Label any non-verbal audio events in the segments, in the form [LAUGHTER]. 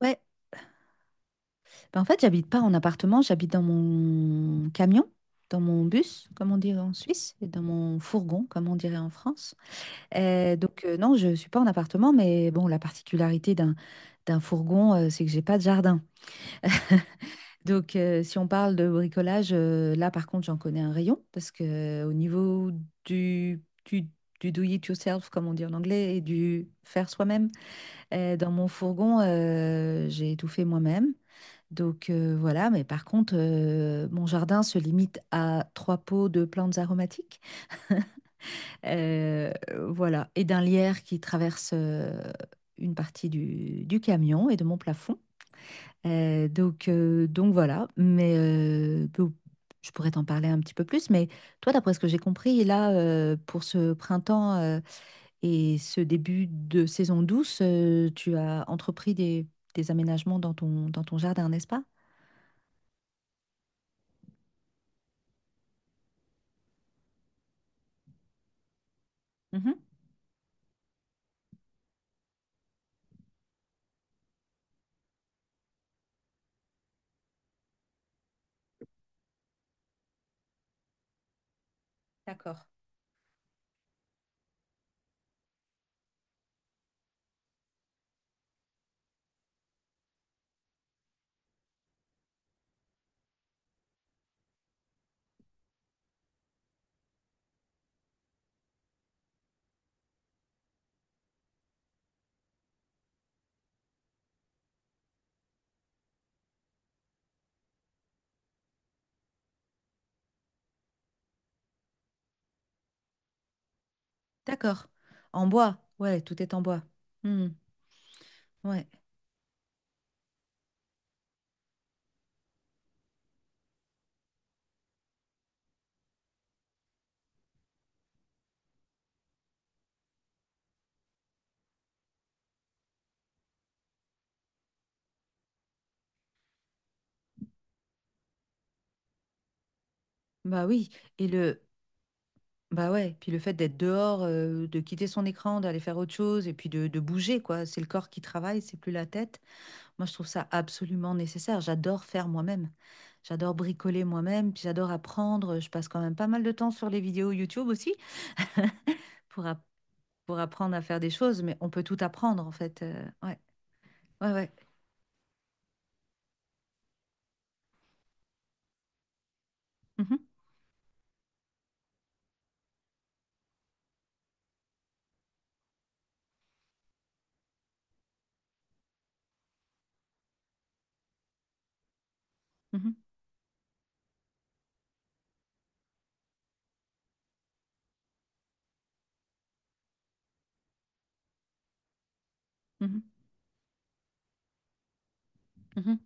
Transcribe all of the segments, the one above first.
Ouais, ben, en fait, j'habite pas en appartement, j'habite dans mon camion, dans mon bus, comme on dirait en Suisse, et dans mon fourgon, comme on dirait en France. Donc, non, je suis pas en appartement, mais bon, la particularité d'un fourgon, c'est que j'ai pas de jardin. Donc, si on parle de bricolage, là, par contre, j'en connais un rayon, parce que au niveau du, du, du do it yourself, comme on dit en anglais, et du faire soi-même, dans mon fourgon, j'ai tout fait moi-même. Donc, voilà, mais par contre, mon jardin se limite à trois pots de plantes aromatiques, euh, voilà, et d'un lierre qui traverse une partie du camion et de mon plafond. Donc, voilà, mais bon, je pourrais t'en parler un petit peu plus, mais toi, d'après ce que j'ai compris, là, pour ce printemps et ce début de saison douce, tu as entrepris des aménagements dans ton jardin, n'est-ce pas? Mhm. D'accord. D'accord. En bois. Ouais, tout est en bois. Hmm. Ouais. Bah oui. Et le. Bah ouais. Puis le fait d'être dehors, de quitter son écran, d'aller faire autre chose, et puis de bouger, quoi. C'est le corps qui travaille, c'est plus la tête. Moi, je trouve ça absolument nécessaire. J'adore faire moi-même. J'adore bricoler moi-même, puis j'adore apprendre. Je passe quand même pas mal de temps sur les vidéos YouTube aussi [LAUGHS] pour, app- pour apprendre à faire des choses, mais on peut tout apprendre, en fait. Ouais. Ouais, ouais. Mhm. Mhm. Mhm. Mhm.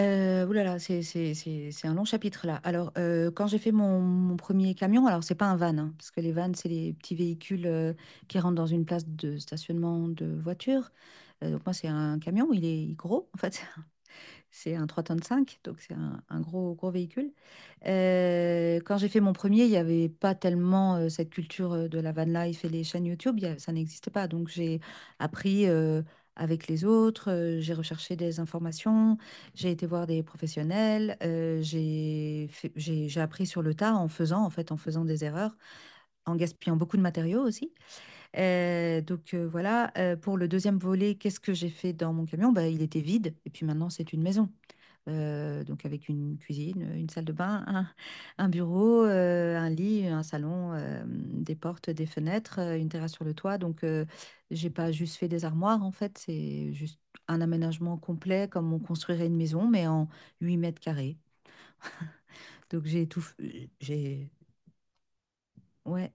Oulala, c'est un long chapitre là. Alors, quand j'ai fait mon premier camion, alors c'est pas un van, hein, parce que les vans, c'est les petits véhicules qui rentrent dans une place de stationnement de voiture. Donc moi, c'est un camion, il est gros en fait. C'est un 3,5 tonnes donc c'est un gros, gros véhicule. Quand j'ai fait mon premier, il n'y avait pas tellement cette culture de la van life et les chaînes YouTube, ça n'existait pas. Donc j'ai appris avec les autres, j'ai recherché des informations, j'ai été voir des professionnels, j'ai fait- j'ai appris sur le tas en faisant, en fait, en faisant des erreurs, en gaspillant beaucoup de matériaux aussi. Voilà. Pour le deuxième volet, qu'est-ce que j'ai fait dans mon camion? Bah, il était vide et puis maintenant c'est une maison. Donc avec une cuisine, une salle de bain, un bureau, un lit, un salon, des portes, des fenêtres, une terrasse sur le toit. Donc, j'ai pas juste fait des armoires en fait, c'est juste un aménagement complet comme on construirait une maison mais en 8 m². Donc j'ai tout, f- j'ai, ouais,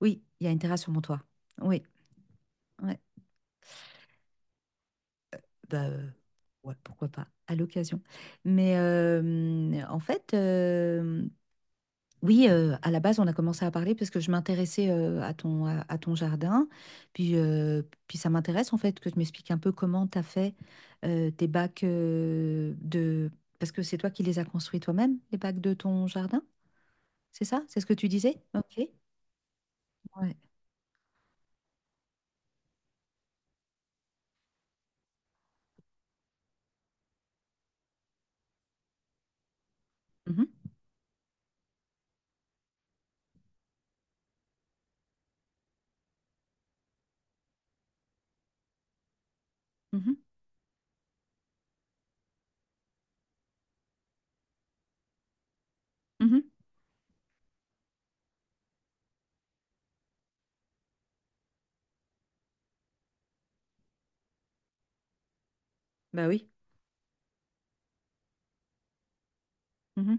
oui, il y a une terrasse sur mon toit. Oui. Ouais. Bah, ouais, pourquoi pas, à l'occasion. Mais en fait, oui, à la base, on a commencé à parler parce que je m'intéressais à ton jardin. Puis, euh, puis ça m'intéresse en fait que tu m'expliques un peu comment tu as fait tes bacs de... Parce que c'est toi qui les as construits toi-même, les bacs de ton jardin, c'est ça? C'est ce que tu disais? Ok. Ouais. Mhm, mhm, mhm. Bah oui. Mhm,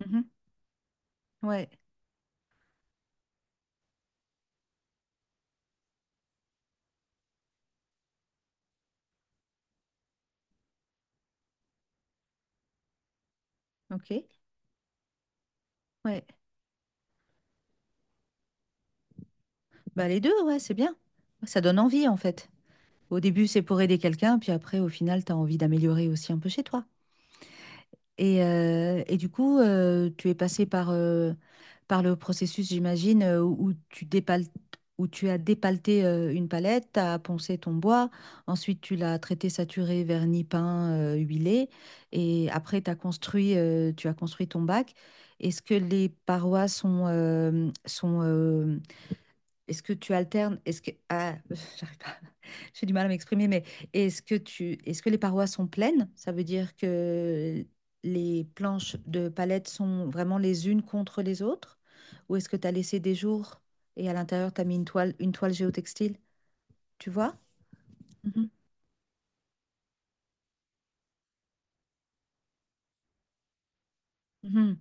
mhm. Ouais. Ok. Ouais. Bah les deux, ouais, c'est bien. Ça donne envie en fait. Au début, c'est pour aider quelqu'un, puis après, au final, tu as envie d'améliorer aussi un peu chez toi. Et du coup, tu es passé par, par le processus, j'imagine, où tu as dépaleté une palette, tu as poncé ton bois, ensuite tu l'as traité, saturé, vernis, peint, huilé, et après tu as construit ton bac. Est-ce que les parois sont, est-ce que tu alternes? Est-ce que ah, [LAUGHS] j'arrive pas, [LAUGHS] j'ai du mal à m'exprimer, mais est-ce que les parois sont pleines? Ça veut dire que les planches de palette sont vraiment les unes contre les autres? Ou est-ce que tu as laissé des jours et à l'intérieur tu as mis une toile géotextile? Tu vois? Mhm, mhm,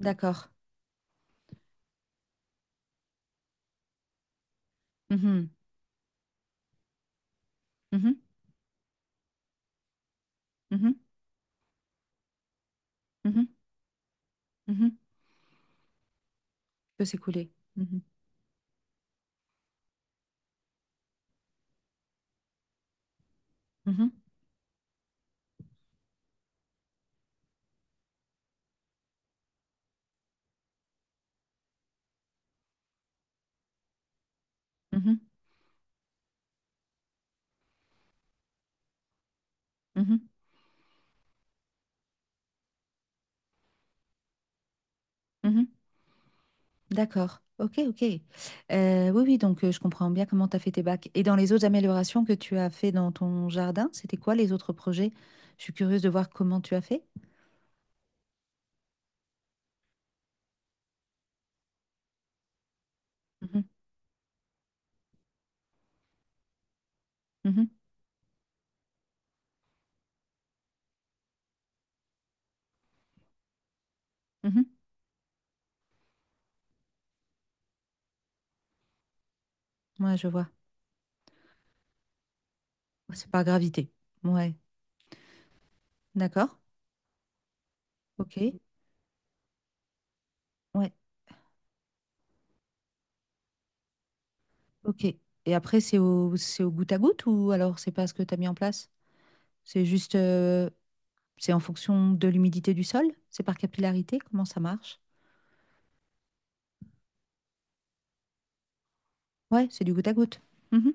d'accord. Mhm, mhm, mhm, mhm, mhm. Que s'écouler. Mhm, mhm, mhm, mhm, mhm. D'accord. Ok, ok. Oui, oui, donc je comprends bien comment tu as fait tes bacs. Et dans les autres améliorations que tu as fait dans ton jardin, c'était quoi les autres projets? Je suis curieuse de voir comment tu as fait. Mhm, mhm, mhm. Ouais, je vois. Oh, c'est par gravité. Ouais, d'accord. Ok. Ouais, ok. Et après, c'est au goutte à goutte ou alors c'est pas ce que tu as mis en place? C'est juste, euh, c'est en fonction de l'humidité du sol? C'est par capillarité? Comment ça marche? Ouais, c'est du goutte à goutte. Mhm,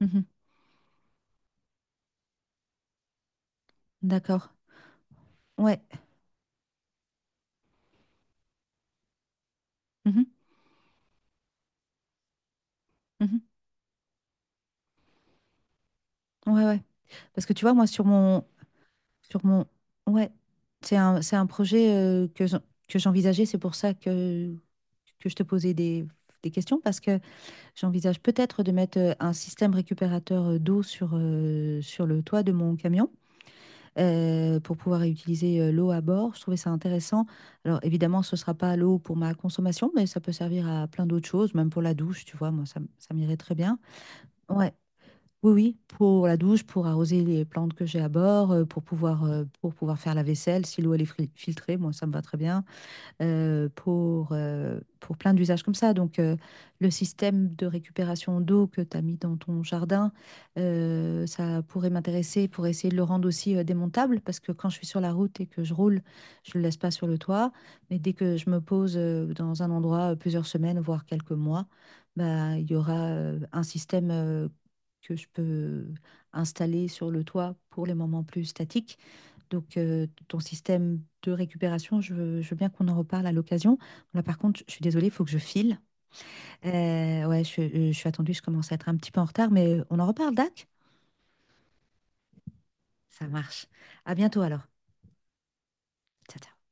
mhm. D'accord. Ouais. Mhm. Mhm. Ouais, ouais. Parce que tu vois, moi, sur mon, ouais, c'est un projet que j'envisageais. C'est pour ça que je te posais des questions parce que j'envisage peut-être de mettre un système récupérateur d'eau sur le toit de mon camion pour pouvoir réutiliser l'eau à bord. Je trouvais ça intéressant. Alors, évidemment, ce ne sera pas l'eau pour ma consommation, mais ça peut servir à plein d'autres choses, même pour la douche, tu vois. Moi, ça m'irait très bien. Ouais. Oui, oui, pour la douche, pour arroser les plantes que j'ai à bord, pour pouvoir, faire la vaisselle, si l'eau elle est filtrée, moi ça me va très bien pour, plein d'usages comme ça. Donc, le système de récupération d'eau que tu as mis dans ton jardin, ça pourrait m'intéresser pour essayer de le rendre aussi démontable, parce que quand je suis sur la route et que je roule, je ne le laisse pas sur le toit. Mais dès que je me pose dans un endroit plusieurs semaines, voire quelques mois, bah, il y aura un système que je peux installer sur le toit pour les moments plus statiques donc, ton système de récupération, je veux bien qu'on en reparle à l'occasion. Là, par contre, je suis désolée, il faut que je file. Ouais, je suis attendue, je commence à être un petit peu en retard, mais on en reparle, Dac? Ça marche. À bientôt alors. Ciao, ciao.